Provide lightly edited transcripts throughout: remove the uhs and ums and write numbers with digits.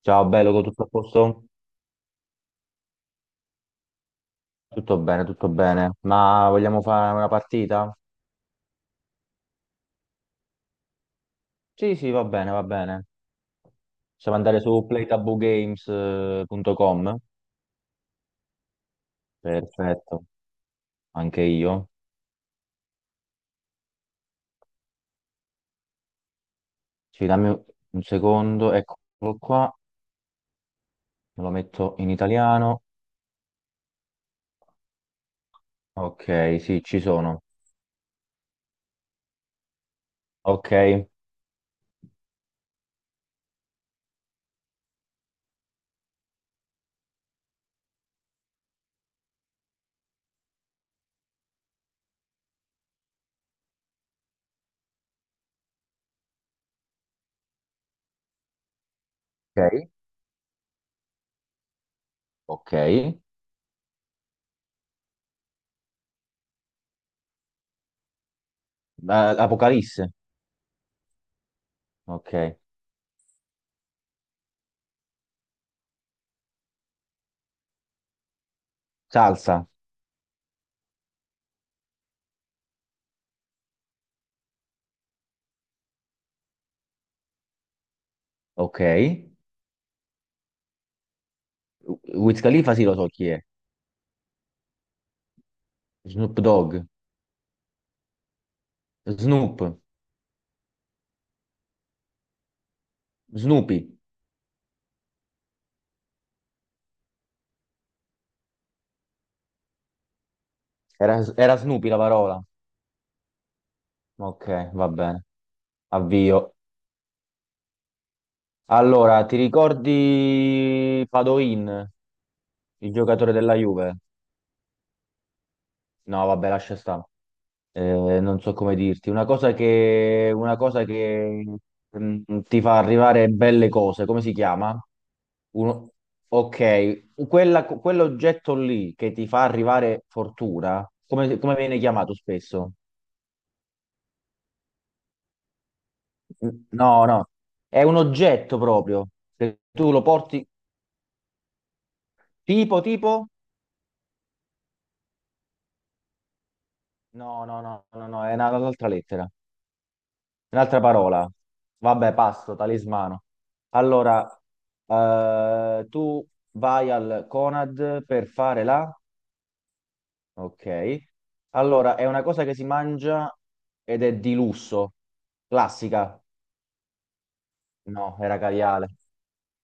Ciao, bello, tutto a posto? Tutto bene, tutto bene. Ma vogliamo fare una partita? Sì, sì, va bene, va bene. Possiamo andare su playtaboogames.com. Perfetto, anche io. Sì, dammi un secondo, eccolo qua. Me lo metto in italiano. Ok, sì, ci sono. Ok, ok, ok. Apocalisse. Ok. Salsa. Ok. Wiz Khalifa, sì, lo so chi è. Snoop Dogg. Snoop. Snoopy. Era Snoopy la parola. Ok, va bene. Avvio. Allora, ti ricordi Padoin, il giocatore della Juve? No, vabbè, lascia stare. Non so come dirti. Una cosa che mm, ti fa arrivare belle cose. Come si chiama? Uno- Ok, quella- quell'oggetto lì che ti fa arrivare fortuna, come, come viene chiamato spesso? No, no, è un oggetto proprio, che tu lo porti. Tipo, tipo? No, no, no, no, no, è una- un'altra lettera, un'altra parola. Vabbè, passo, talismano. Allora, tu vai al Conad per fare la... Ok. Allora, è una cosa che si mangia ed è di lusso. Classica. No, era caviale.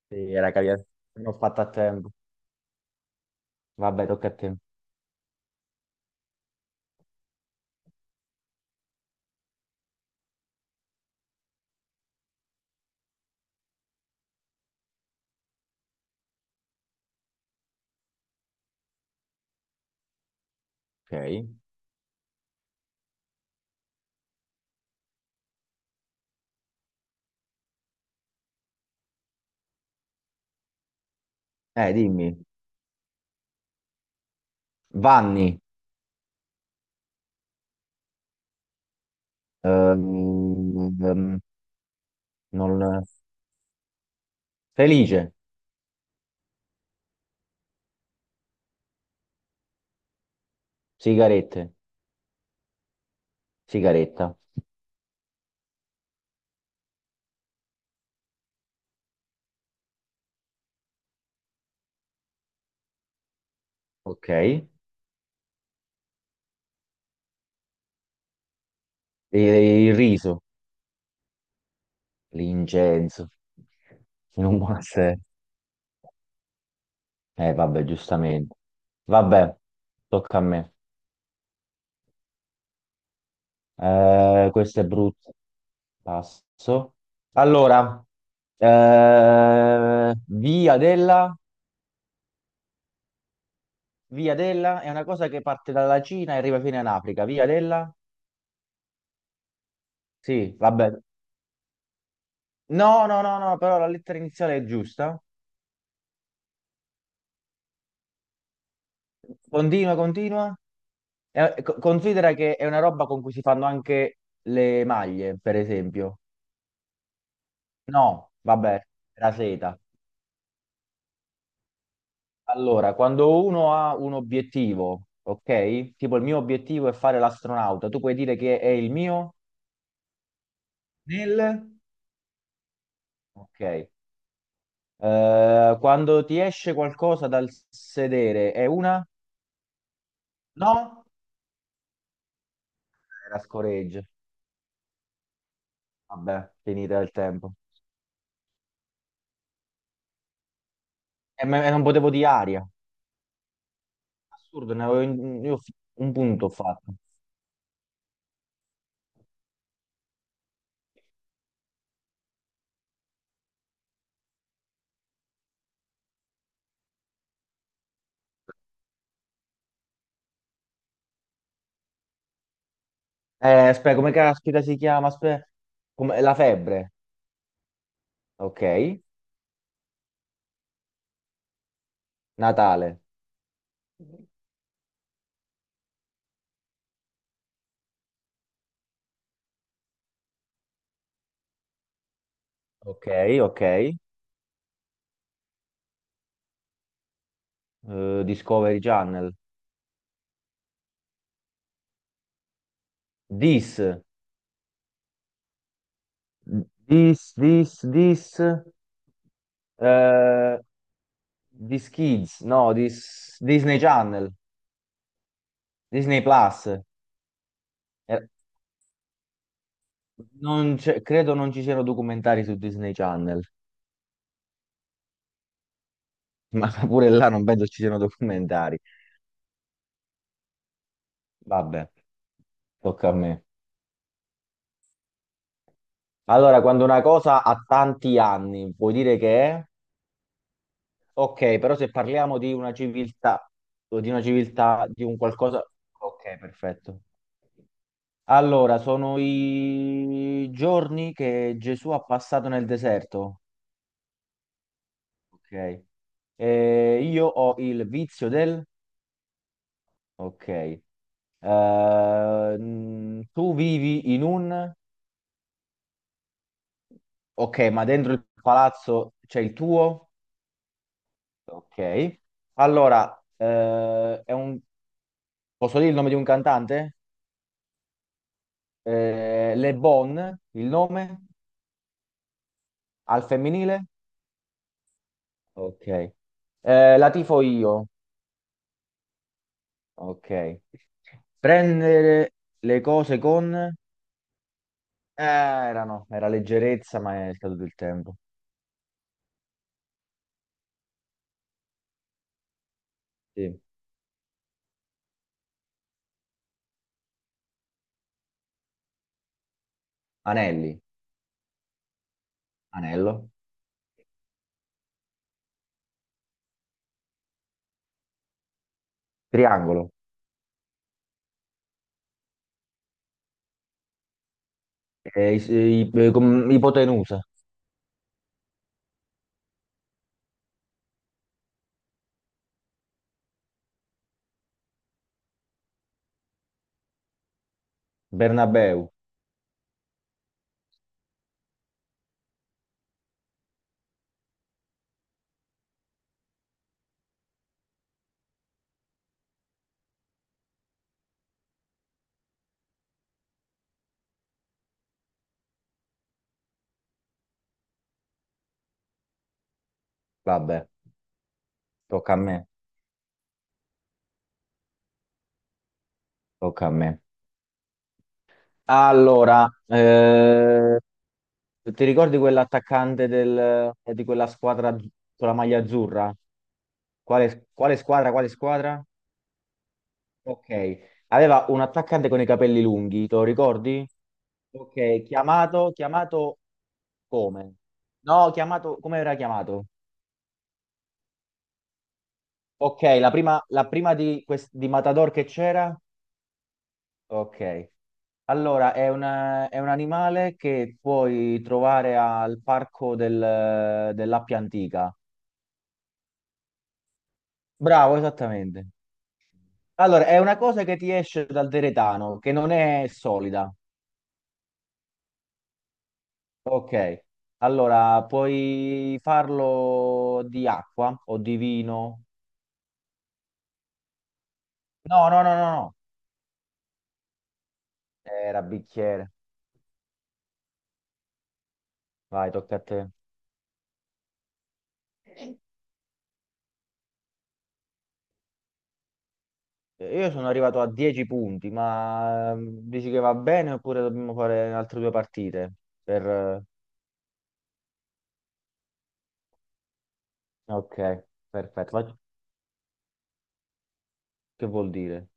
Sì, era caviale. Non ho fatto a tempo. Vabbè, tocca a te. Ok. Dimmi. Vanni. Ehm, ehm, Non... Felice. Sigarette, sigaretta, ok. E il riso, l'incenso, non può essere. Vabbè, giustamente. Vabbè, tocca a me. Questo è brutto. Passo. Allora, eh, via della, via della è una cosa che parte dalla Cina e arriva fino in Africa. Via della? Sì, vabbè. No, no, no, no, però la lettera iniziale è giusta. Continua, continua. È- co- considera che è una roba con cui si fanno anche le maglie, per esempio. No, vabbè, la seta. Allora, quando uno ha un obiettivo, ok? Tipo il mio obiettivo è fare l'astronauta, tu puoi dire che è il mio nel... Ok. Quando ti esce qualcosa dal sedere, è una? No? Era scoreggia. Vabbè, finita il tempo. E, me- e non potevo di aria. Assurdo, ne avevo in- io f- un punto ho fatto. Aspetta, come caspita si chiama? Aspetta, come- la febbre, ok. Natale, ok, ok. Discovery Channel. This, this, this, this. eh, This Kids, no, this, Disney Channel, Disney Plus. Eh, non c'è- credo non ci siano documentari su Disney Channel, ma pure là non penso ci siano documentari. Vabbè, tocca a me. Allora, quando una cosa ha tanti anni, vuoi dire che è? Ok, però se parliamo di una civiltà, o di una civiltà, di un qualcosa... Ok, perfetto. Allora, sono i giorni che Gesù ha passato nel deserto. Ok. Io ho il vizio del... Ok. Tu vivi in un... Ok, ma dentro il palazzo c'è il tuo? Ok. Allora, è un posso dire il nome di un cantante? Le Bon, il nome? Al femminile? Ok. La tifo io. Ok. Prendere le cose con... erano, era leggerezza, ma è scaduto il tempo. Sì. Anelli, anello, triangolo, com- ipotenusa. Bernabeu. Vabbè, tocca a me, tocca a me. Allora, ti ricordi quell'attaccante del- di quella squadra az- con la maglia azzurra? Quale, quale squadra? Quale squadra? Ok. Aveva un attaccante con i capelli lunghi, te lo ricordi? Ok, chiamato, chiamato come? No, chiamato, come era chiamato? Ok, la prima di, quest- di Matador che c'era? Ok. Allora, è una- è un animale che puoi trovare al parco del- dell'Appia Antica. Bravo, esattamente. Allora, è una cosa che ti esce dal deretano, che non è solida. Ok. Allora, puoi farlo di acqua o di vino? No, no, no, no, no. Era bicchiere. Vai, tocca a te. Io sono arrivato a 10 punti, ma dici che va bene oppure dobbiamo fare altre due partite? Per... ok, perfetto. Ma che vuol dire?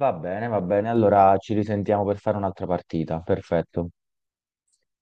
Va bene, va bene. Allora ci risentiamo per fare un'altra partita. Perfetto.